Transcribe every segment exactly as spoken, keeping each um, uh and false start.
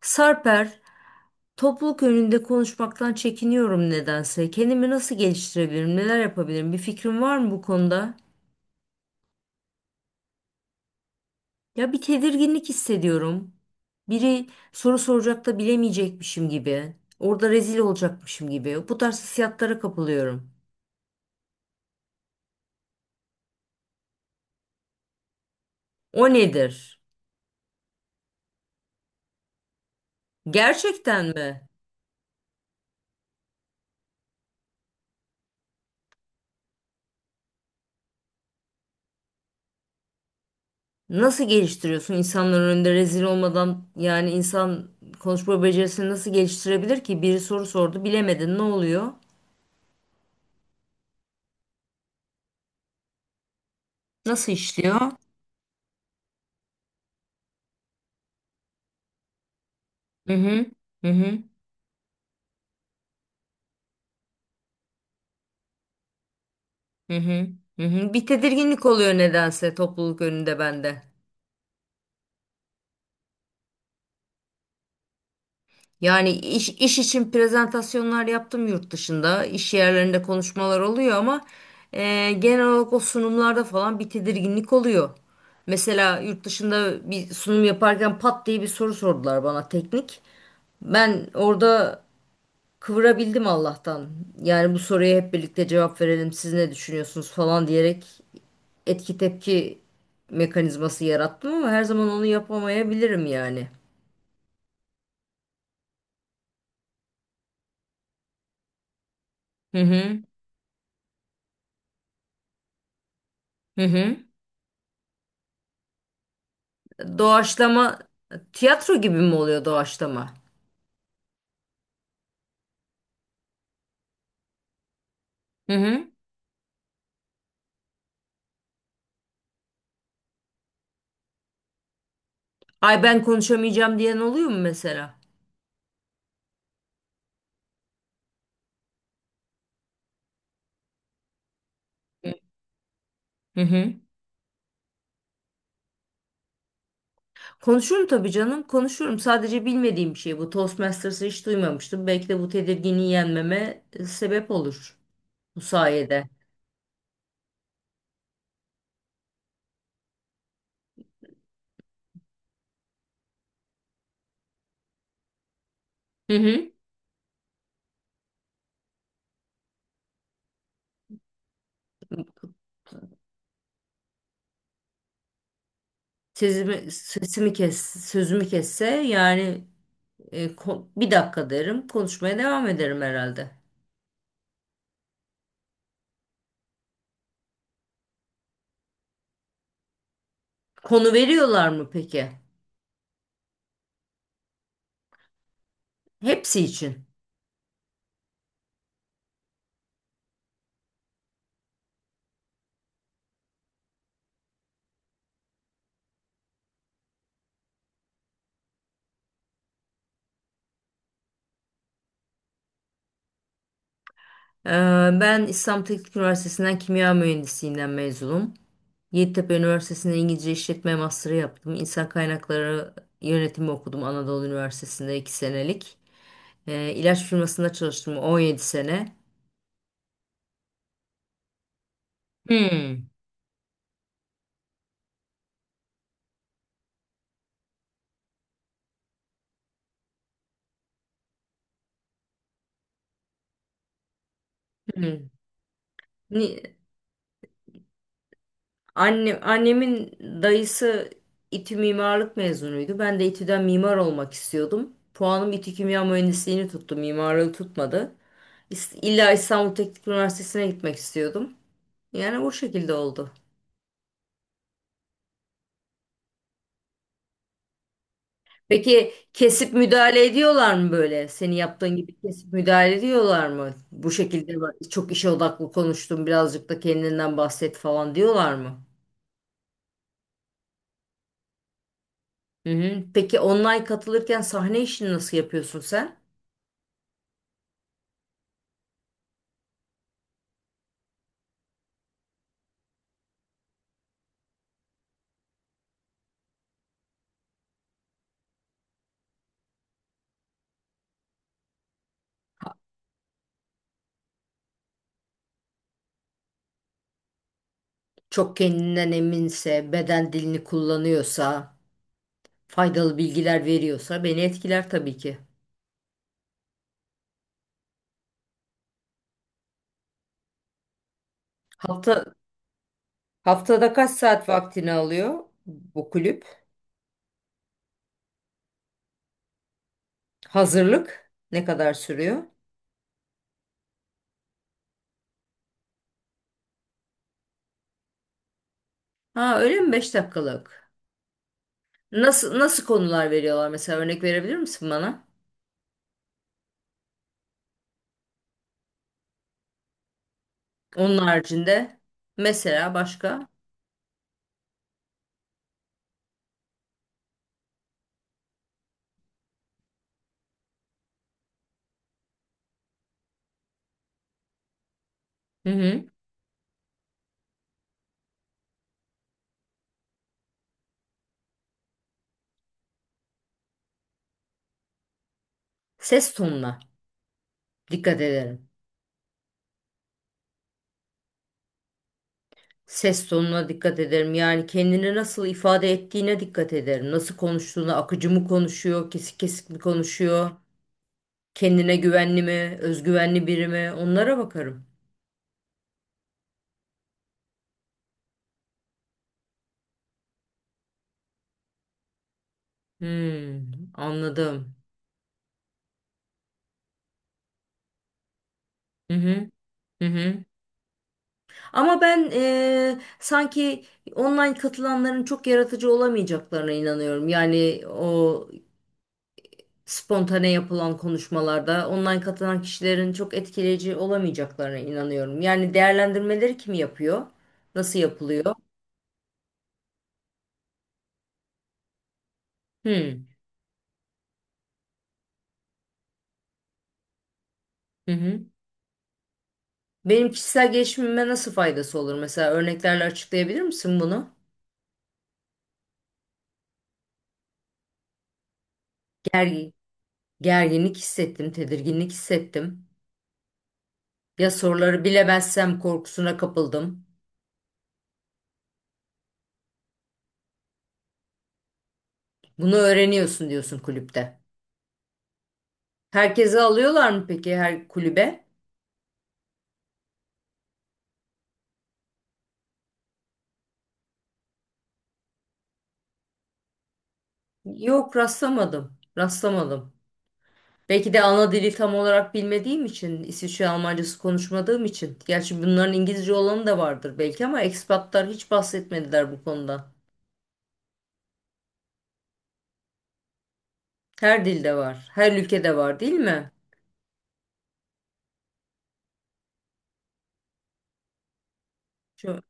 Sarper, topluluk önünde konuşmaktan çekiniyorum nedense. Kendimi nasıl geliştirebilirim, neler yapabilirim? Bir fikrin var mı bu konuda? Ya bir tedirginlik hissediyorum. Biri soru soracak da bilemeyecekmişim gibi. Orada rezil olacakmışım gibi. Bu tarz hissiyatlara kapılıyorum. O nedir? Gerçekten mi? Nasıl geliştiriyorsun insanların önünde rezil olmadan, yani insan konuşma becerisini nasıl geliştirebilir ki? Biri soru sordu, bilemedin. Ne oluyor? Nasıl işliyor? Hı hı. Hı hı. Hı hı. Hı hı. Bir tedirginlik oluyor nedense topluluk önünde bende. Yani iş, iş için prezentasyonlar yaptım yurt dışında. İş yerlerinde konuşmalar oluyor ama e, genel olarak o sunumlarda falan bir tedirginlik oluyor. Mesela yurt dışında bir sunum yaparken pat diye bir soru sordular bana teknik. Ben orada kıvırabildim Allah'tan. Yani bu soruya hep birlikte cevap verelim. Siz ne düşünüyorsunuz falan diyerek etki tepki mekanizması yarattım ama her zaman onu yapamayabilirim yani. Hı hı. Hı hı. Doğaçlama tiyatro gibi mi oluyor doğaçlama? Hı hı. Ay ben konuşamayacağım diyen oluyor mu mesela? Hı hı. Konuşurum tabii canım, konuşurum. Sadece bilmediğim bir şey bu. Toastmasters'ı hiç duymamıştım. Belki de bu tedirginliği yenmeme e, sebep olur bu sayede. Hı hı. Sesimi, sesimi kes, sözümü kesse yani. E, ko- bir dakika derim. Konuşmaya devam ederim herhalde. Konu veriyorlar mı peki? Hepsi için. Ee, Ben İstanbul Teknik Üniversitesi'nden kimya mühendisliğinden mezunum. Yeditepe Üniversitesi'nde İngilizce İşletme Master'ı yaptım. İnsan Kaynakları Yönetimi okudum Anadolu Üniversitesi'nde iki senelik. Ee, ilaç firmasında çalıştım on yedi sene. Hmm. Hmm. Ni- Anne, annemin dayısı İTÜ mimarlık mezunuydu. Ben de İTÜ'den mimar olmak istiyordum. Puanım İTÜ Kimya Mühendisliğini tuttu, mimarlığı tutmadı. İs- İlla İstanbul Teknik Üniversitesi'ne gitmek istiyordum. Yani bu şekilde oldu. Peki kesip müdahale ediyorlar mı böyle? Senin yaptığın gibi kesip müdahale ediyorlar mı? Bu şekilde bak- çok işe odaklı konuştun, birazcık da kendinden bahset falan diyorlar mı? Hı hı. Peki online katılırken sahne işini nasıl yapıyorsun sen? Çok kendinden eminse, beden dilini kullanıyorsa, faydalı bilgiler veriyorsa beni etkiler tabii ki. Hafta, haftada kaç saat vaktini alıyor bu kulüp? Hazırlık ne kadar sürüyor? Ha öyle mi? Beş dakikalık? Nasıl nasıl konular veriyorlar mesela, örnek verebilir misin bana? Onun haricinde mesela başka? Hı hı. Ses tonuna dikkat ederim. Ses tonuna dikkat ederim. Yani kendini nasıl ifade ettiğine dikkat ederim. Nasıl konuştuğuna, akıcı mı konuşuyor, kesik kesik mi konuşuyor, kendine güvenli mi, özgüvenli biri mi? Onlara bakarım. Hmm, anladım. Hı hı, hı hı. Ama ben eee, sanki online katılanların çok yaratıcı olamayacaklarına inanıyorum. Yani o spontane yapılan konuşmalarda online katılan kişilerin çok etkileyici olamayacaklarına inanıyorum. Yani değerlendirmeleri kim yapıyor? Nasıl yapılıyor? Hmm. Hı hı. Benim kişisel gelişimime nasıl faydası olur? Mesela örneklerle açıklayabilir misin bunu? Gergi- Gerginlik hissettim, tedirginlik hissettim. Ya soruları bilemezsem korkusuna kapıldım. Bunu öğreniyorsun diyorsun kulüpte. Herkese alıyorlar mı peki, her kulübe? Yok, rastlamadım. Rastlamadım. Belki de ana dili tam olarak bilmediğim için, İsviçre Almancası konuşmadığım için. Gerçi bunların İngilizce olanı da vardır belki ama ekspatlar hiç bahsetmediler bu konuda. Her dilde var, her ülkede var değil mi? Çok,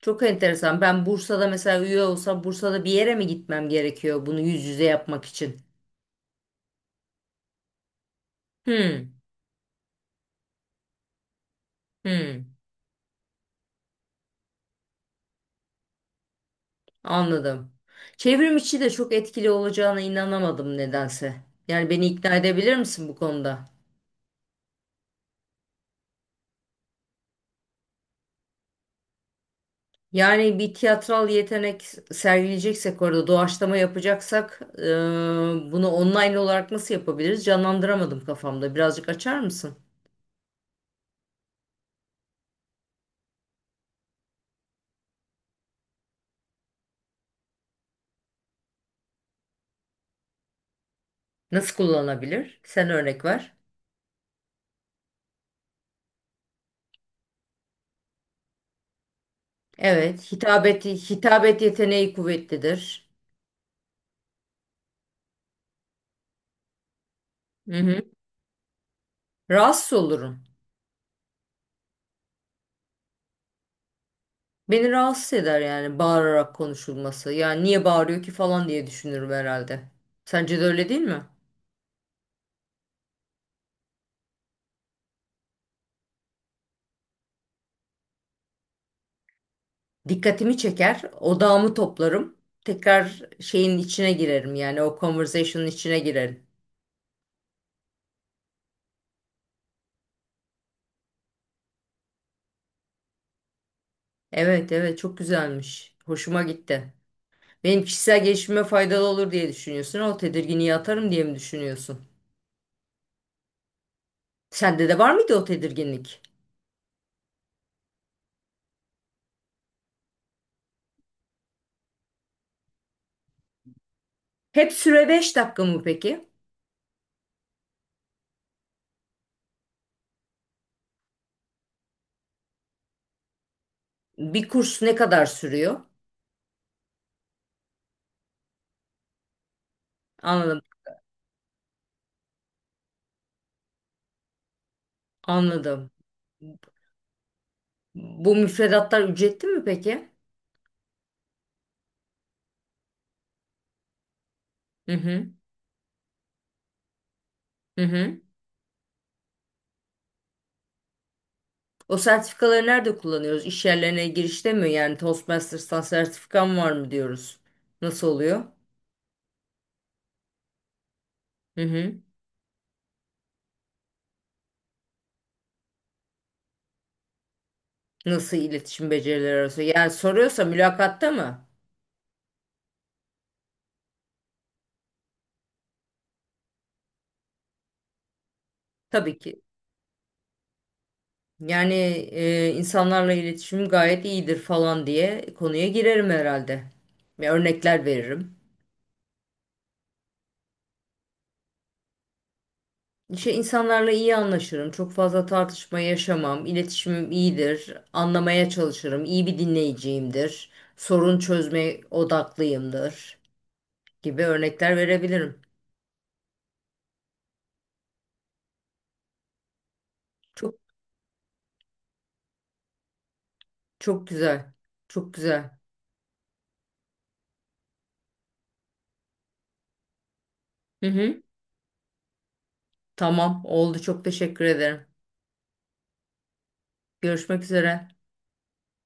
çok enteresan. Ben Bursa'da mesela üye olsam Bursa'da bir yere mi gitmem gerekiyor bunu yüz yüze yapmak için? Hmm. Hmm. Anladım. Çevrim içi de çok etkili olacağına inanamadım nedense. Yani beni ikna edebilir misin bu konuda? Yani bir tiyatral yetenek sergileyeceksek, orada doğaçlama yapacaksak e, bunu online olarak nasıl yapabiliriz? Canlandıramadım kafamda. Birazcık açar mısın? Nasıl kullanabilir? Sen örnek ver. Evet, hitabet hitabet yeteneği kuvvetlidir. Hı hı. Rahatsız olurum. Beni rahatsız eder yani, bağırarak konuşulması. Yani niye bağırıyor ki falan diye düşünürüm herhalde. Sence de öyle değil mi? Dikkatimi çeker, odağımı toplarım. Tekrar şeyin içine girerim, yani o conversation'ın içine girerim. Evet, evet, çok güzelmiş. Hoşuma gitti. Benim kişisel gelişime faydalı olur diye düşünüyorsun. O tedirginliği atarım diye mi düşünüyorsun? Sende de var mıydı o tedirginlik? Hep süre beş dakika mı peki? Bir kurs ne kadar sürüyor? Anladım, anladım. Bu müfredatlar ücretli mi peki? Hı hı, hı hı. O sertifikaları nerede kullanıyoruz? İş yerlerine girişte mi? Yani Toastmasters'tan sertifikam var mı diyoruz. Nasıl oluyor? Hı hı. Nasıl iletişim becerileri arası? Yani soruyorsa mülakatta mı? Tabii ki. Yani e, insanlarla iletişim gayet iyidir falan diye konuya girerim herhalde. Ve örnekler veririm. İşte insanlarla iyi anlaşırım. Çok fazla tartışma yaşamam. İletişimim iyidir. Anlamaya çalışırım. İyi bir dinleyiciyimdir. Sorun çözme odaklıyımdır. Gibi örnekler verebilirim. Çok, çok güzel. Çok güzel. Hı hı. Tamam, oldu. Çok teşekkür ederim. Görüşmek üzere.